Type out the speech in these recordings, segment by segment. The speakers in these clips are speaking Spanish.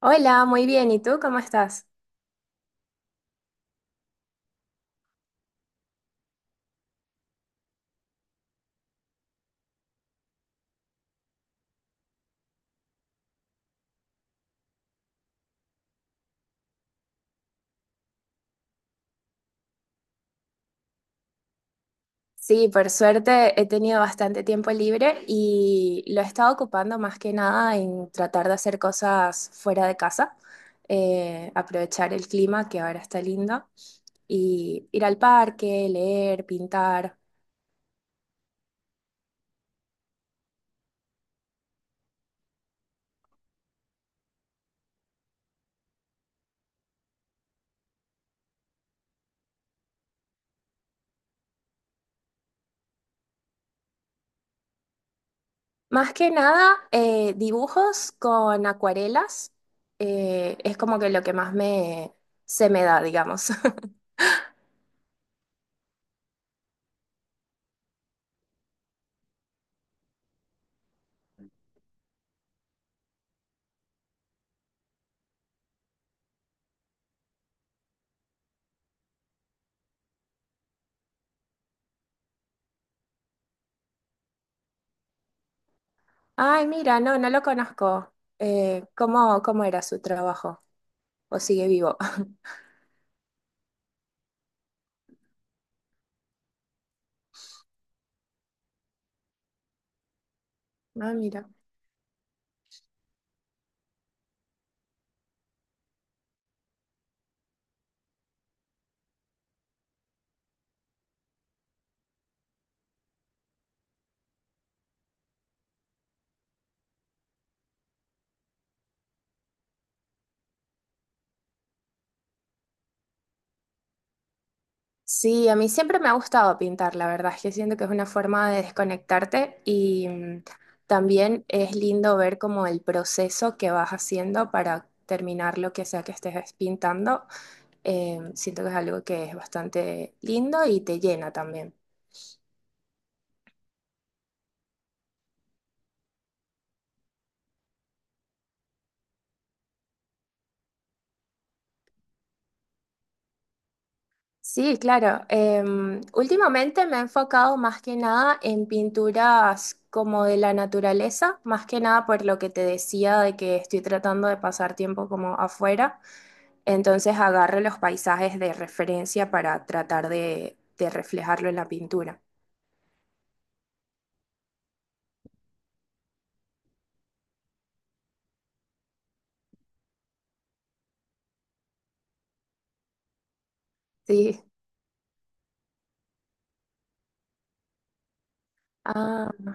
Hola, muy bien. ¿Y tú cómo estás? Sí, por suerte he tenido bastante tiempo libre y lo he estado ocupando más que nada en tratar de hacer cosas fuera de casa, aprovechar el clima que ahora está lindo y ir al parque, leer, pintar. Más que nada, dibujos con acuarelas, es como que lo que más se me da, digamos. Ay, mira, no, no lo conozco. ¿Cómo, cómo era su trabajo? ¿O sigue vivo? Ah, mira. Sí, a mí siempre me ha gustado pintar, la verdad es que siento que es una forma de desconectarte y también es lindo ver como el proceso que vas haciendo para terminar lo que sea que estés pintando. Siento que es algo que es bastante lindo y te llena también. Sí, claro. Em, últimamente me he enfocado más que nada en pinturas como de la naturaleza, más que nada por lo que te decía de que estoy tratando de pasar tiempo como afuera. Entonces agarro los paisajes de referencia para tratar de reflejarlo en la pintura. Sí. Ah.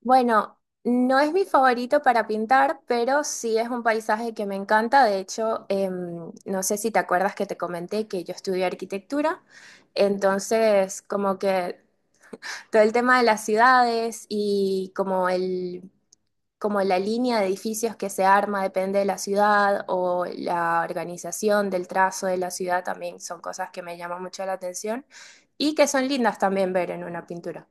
Bueno, no es mi favorito para pintar, pero sí es un paisaje que me encanta. De hecho, em, no sé si te acuerdas que te comenté que yo estudié arquitectura. Entonces, como que todo el tema de las ciudades y como la línea de edificios que se arma depende de la ciudad o la organización del trazo de la ciudad también son cosas que me llaman mucho la atención y que son lindas también ver en una pintura.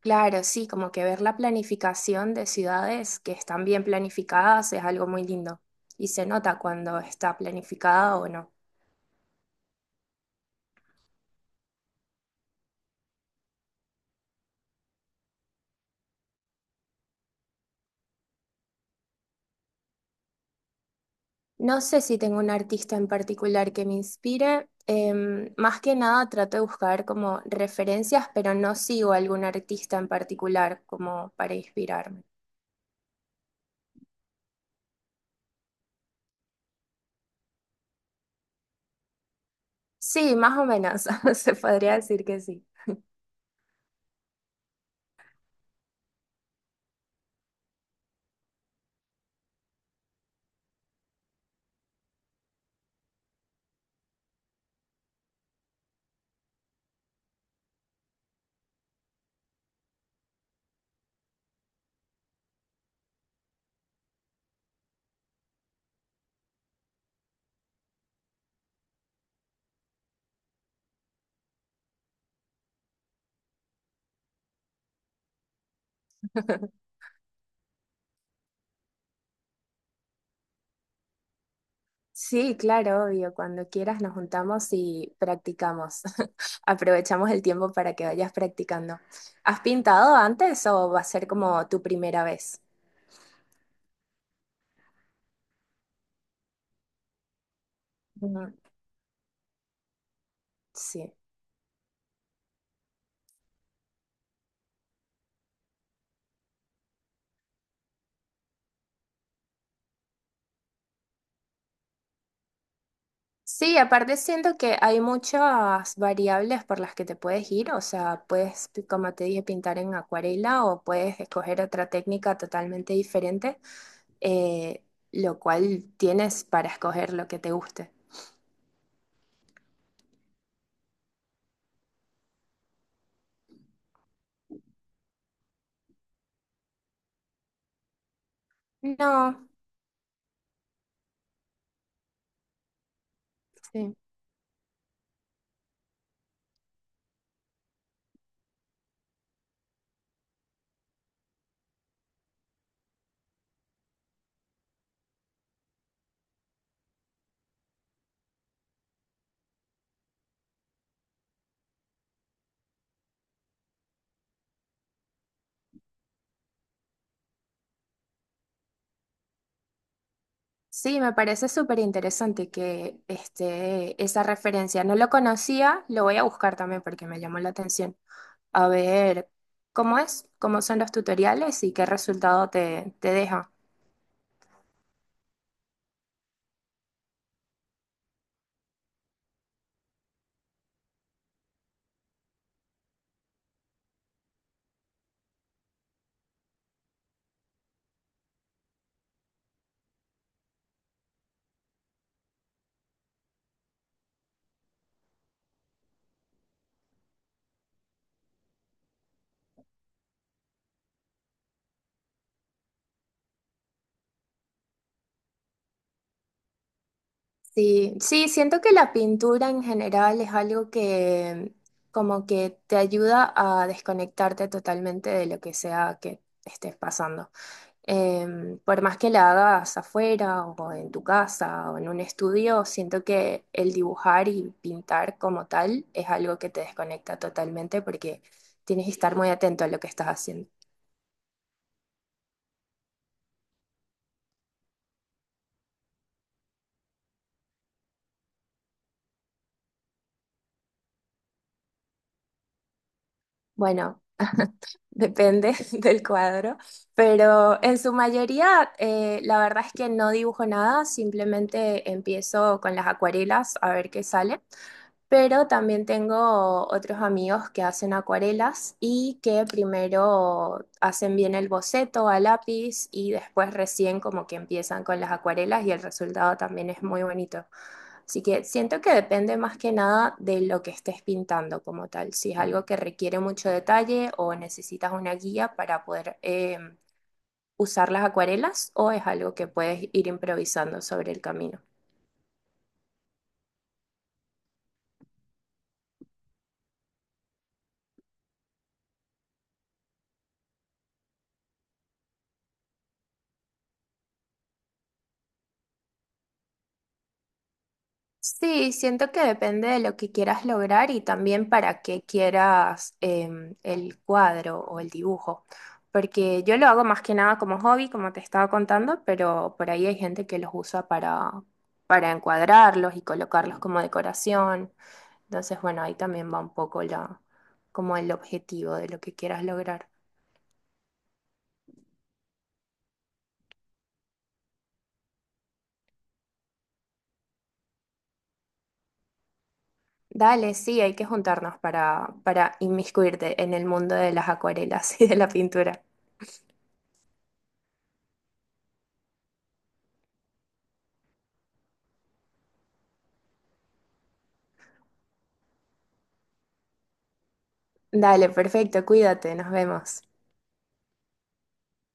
Claro, sí, como que ver la planificación de ciudades que están bien planificadas es algo muy lindo y se nota cuando está planificada o no. No sé si tengo un artista en particular que me inspire. Em, más que nada trato de buscar como referencias, pero no sigo algún artista en particular como para inspirarme. Sí, más o menos, se podría decir que sí. Sí, claro, obvio. Cuando quieras nos juntamos y practicamos. Aprovechamos el tiempo para que vayas practicando. ¿Has pintado antes o va a ser como tu primera vez? Ujú. Sí. Sí, aparte siento que hay muchas variables por las que te puedes ir. O sea, puedes, como te dije, pintar en acuarela o puedes escoger otra técnica totalmente diferente, eh, lo cual tienes para escoger lo que te guste. No. Sí. Sí, me parece súper interesante esa referencia. No lo conocía, lo voy a buscar también porque me llamó la atención. A ver cómo es, cómo son los tutoriales y qué resultado te deja. Sí, sí, siento que la pintura en general es algo que como que te ayuda a desconectarte totalmente de lo que sea que estés pasando. Em, por más que la hagas afuera o en tu casa o en un estudio, siento que el dibujar y pintar como tal es algo que te desconecta totalmente porque tienes que estar muy atento a lo que estás haciendo. Bueno, depende del cuadro, pero en su mayoría la verdad es que no dibujo nada, simplemente empiezo con las acuarelas a ver qué sale. Pero también tengo otros amigos que hacen acuarelas y que primero hacen bien el boceto a lápiz y después recién como que empiezan con las acuarelas y el resultado también es muy bonito. Así que siento que depende más que nada de lo que estés pintando como tal, si es algo que requiere mucho detalle o necesitas una guía para poder usar las acuarelas o es algo que puedes ir improvisando sobre el camino. Sí, siento que depende de lo que quieras lograr y también para qué quieras em, el cuadro o el dibujo. Porque yo lo hago más que nada como hobby, como te estaba contando, pero por ahí hay gente que los usa para encuadrarlos y colocarlos como decoración. Entonces, bueno, ahí también va como el objetivo de lo que quieras lograr. Dale, sí, hay que juntarnos para inmiscuirte en el mundo de las acuarelas y de la pintura. Dale, perfecto, cuídate, nos vemos.